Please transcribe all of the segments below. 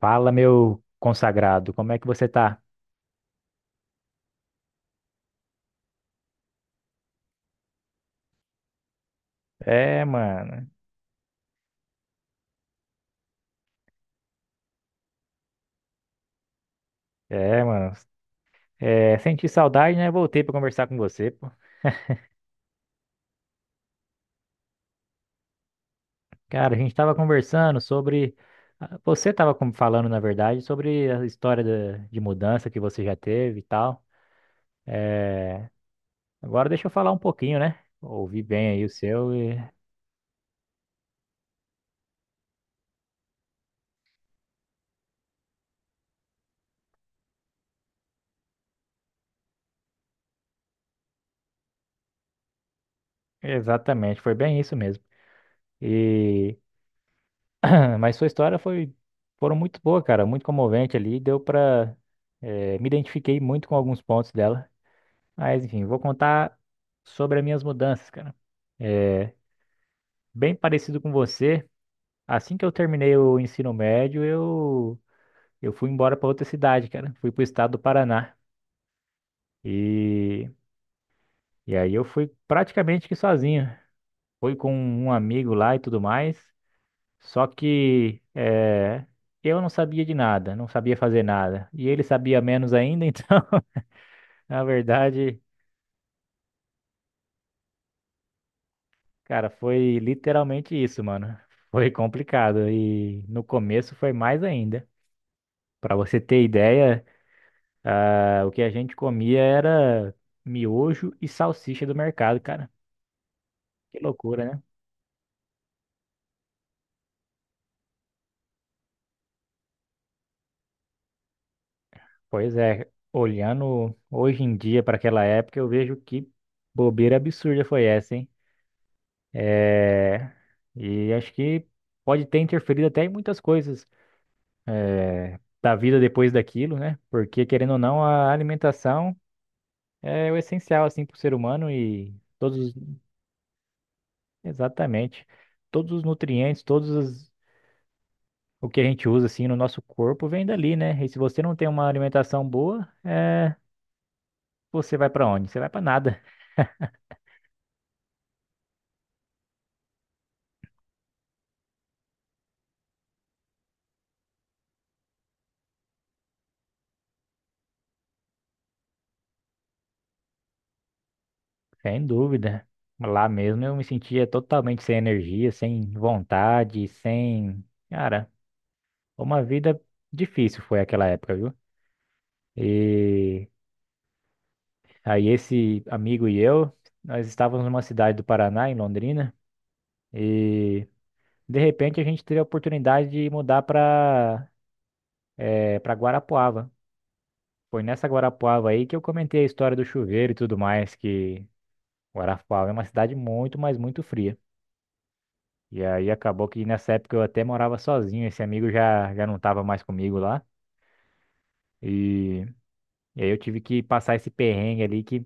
Fala, meu consagrado, como é que você tá? É, mano. É, mano. É, senti saudade, né? Voltei pra conversar com você, pô. Cara, a gente tava conversando sobre. Você falando, na verdade, sobre a história de mudança que você já teve e tal. É, agora deixa eu falar um pouquinho, né? Ouvi bem aí o seu e. Exatamente, foi bem isso mesmo. E Mas sua história foi foram muito boa, cara, muito comovente ali, deu pra me identifiquei muito com alguns pontos dela. Mas enfim, vou contar sobre as minhas mudanças, cara. É, bem parecido com você, assim que eu terminei o ensino médio, eu fui embora pra outra cidade, cara. Fui pro estado do Paraná. E e aí eu fui praticamente que sozinho. Fui com um amigo lá e tudo mais. Só que eu não sabia de nada, não sabia fazer nada. E ele sabia menos ainda, então, na verdade, cara, foi literalmente isso, mano. Foi complicado. E no começo foi mais ainda. Pra você ter ideia, o que a gente comia era miojo e salsicha do mercado, cara. Que loucura, né? Pois é, olhando hoje em dia para aquela época, eu vejo que bobeira absurda foi essa, hein? É, e acho que pode ter interferido até em muitas coisas é, da vida depois daquilo, né? Porque, querendo ou não, a alimentação é o essencial, assim, para o ser humano e todos, os, exatamente, todos os nutrientes, todos os, o que a gente usa, assim, no nosso corpo vem dali, né? E se você não tem uma alimentação boa, é, você vai para onde? Você vai para nada, sem dúvida. Lá mesmo eu me sentia totalmente sem energia, sem vontade, sem... Cara... Uma vida difícil foi aquela época, viu? E aí esse amigo e eu, nós estávamos numa cidade do Paraná, em Londrina, e de repente a gente teve a oportunidade de mudar para Guarapuava. Foi nessa Guarapuava aí que eu comentei a história do chuveiro e tudo mais, que Guarapuava é uma cidade muito, mas muito fria. E aí acabou que nessa época eu até morava sozinho, esse amigo já não estava mais comigo lá. E E aí eu tive que passar esse perrengue ali que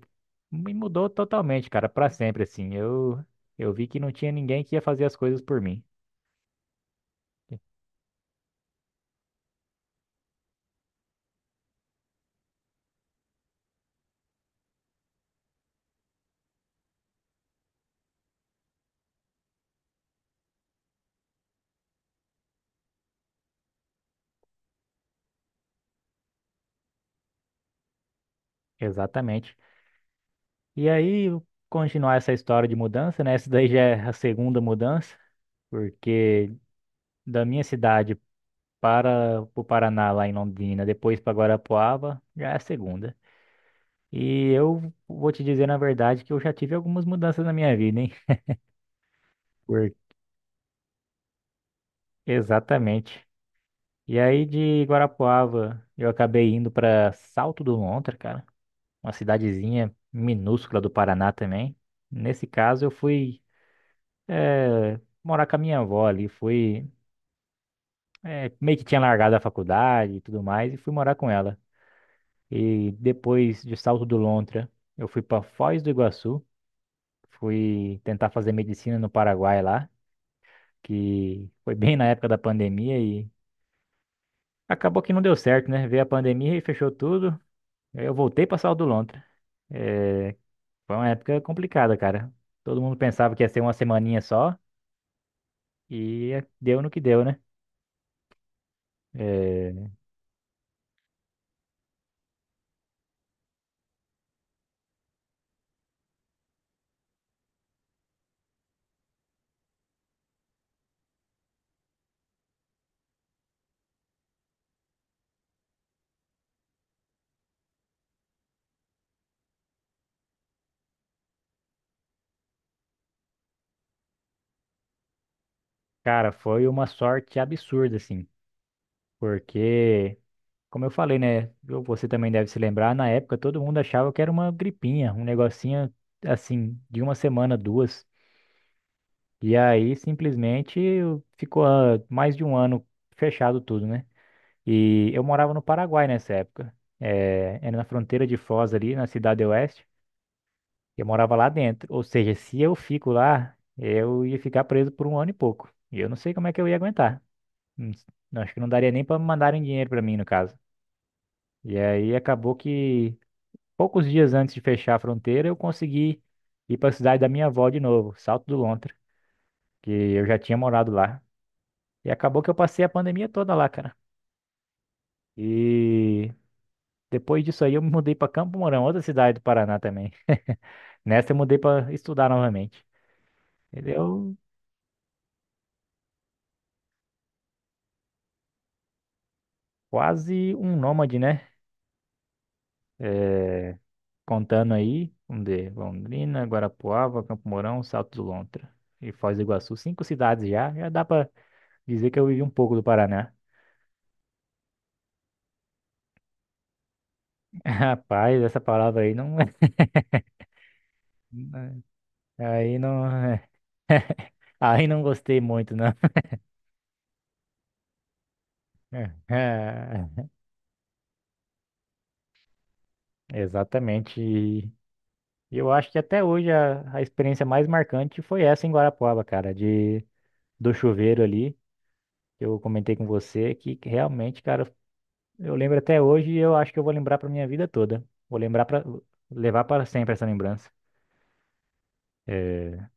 me mudou totalmente, cara, pra sempre, assim. Eu vi que não tinha ninguém que ia fazer as coisas por mim. Exatamente. E aí, continuar essa história de mudança, né? Essa daí já é a segunda mudança, porque da minha cidade para o Paraná, lá em Londrina, depois para Guarapuava, já é a segunda. E eu vou te dizer, na verdade, que eu já tive algumas mudanças na minha vida, hein? Por- Exatamente. E aí de Guarapuava, eu acabei indo pra Salto do Lontra, cara, uma cidadezinha minúscula do Paraná também. Nesse caso, eu fui morar com a minha avó ali, fui meio que tinha largado a faculdade e tudo mais e fui morar com ela. E depois de Salto do Lontra, eu fui pra Foz do Iguaçu, fui tentar fazer medicina no Paraguai lá, que foi bem na época da pandemia e acabou que não deu certo, né? Veio a pandemia e fechou tudo. Aí eu voltei pra Salto do Lontra. É, foi uma época complicada, cara. Todo mundo pensava que ia ser uma semaninha só e deu no que deu, né? É, cara, foi uma sorte absurda, assim, porque, como eu falei, né? Você também deve se lembrar, na época todo mundo achava que era uma gripinha, um negocinho assim, de uma semana, duas. E aí simplesmente ficou mais de um ano fechado tudo, né? E eu morava no Paraguai nessa época. É, era na fronteira de Foz ali, na Cidade Oeste. Eu morava lá dentro. Ou seja, se eu fico lá, eu ia ficar preso por um ano e pouco. E eu não sei como é que eu ia aguentar. Hum, não, acho que não daria nem para mandarem dinheiro para mim, no caso. E aí acabou que poucos dias antes de fechar a fronteira, eu consegui ir para a cidade da minha avó de novo, Salto do Lontra, que eu já tinha morado lá. E acabou que eu passei a pandemia toda lá, cara. E depois disso aí eu me mudei para Campo Mourão, outra cidade do Paraná também. Nessa eu mudei para estudar novamente. Eu Quase um nômade, né? É, contando aí, um de Londrina, Guarapuava, Campo Mourão, Salto do Lontra e Foz do Iguaçu. Cinco cidades já dá pra dizer que eu vivi um pouco do Paraná. Rapaz, essa palavra aí não... Aí não... Aí não gostei muito, não. Exatamente. E eu acho que até hoje a experiência mais marcante foi essa em Guarapuava, cara, de do chuveiro ali. Eu comentei com você que realmente, cara, eu lembro até hoje e eu acho que eu vou lembrar pra minha vida toda. Vou lembrar para levar para sempre essa lembrança. É,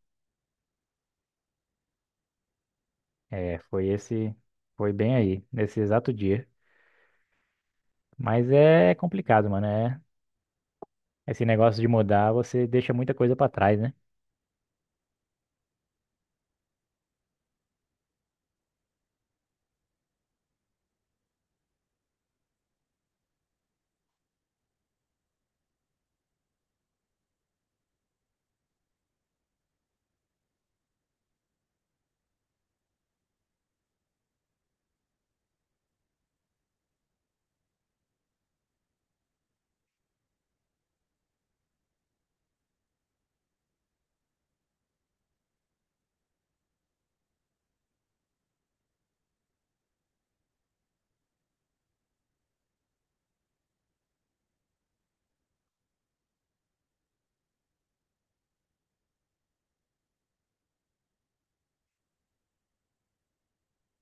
é, foi esse, foi bem aí, nesse exato dia. Mas é complicado, mano. É, esse negócio de mudar, você deixa muita coisa pra trás, né?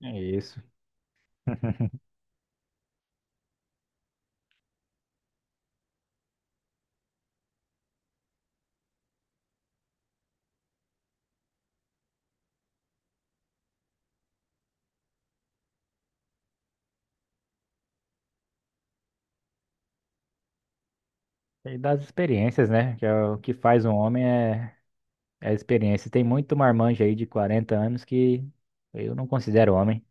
É isso. E das experiências, né? Que é o que faz um homem é a experiência. Tem muito marmanjo aí de 40 anos que eu não considero homem.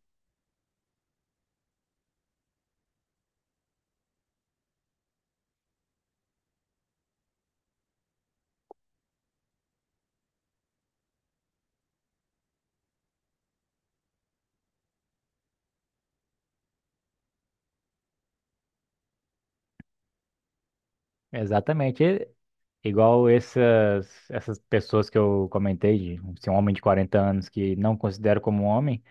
Exatamente. Igual essas pessoas que eu comentei, de ser um homem de 40 anos que não considero como homem,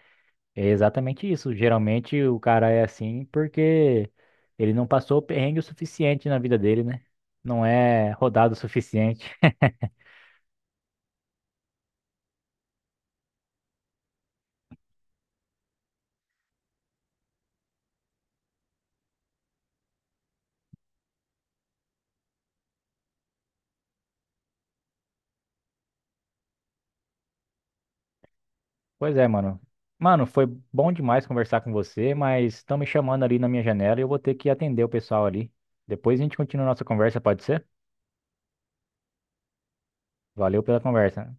é exatamente isso. Geralmente o cara é assim porque ele não passou perrengue o suficiente na vida dele, né? Não é rodado o suficiente. Pois é, mano. Mano, foi bom demais conversar com você, mas estão me chamando ali na minha janela e eu vou ter que atender o pessoal ali. Depois a gente continua a nossa conversa, pode ser? Valeu pela conversa.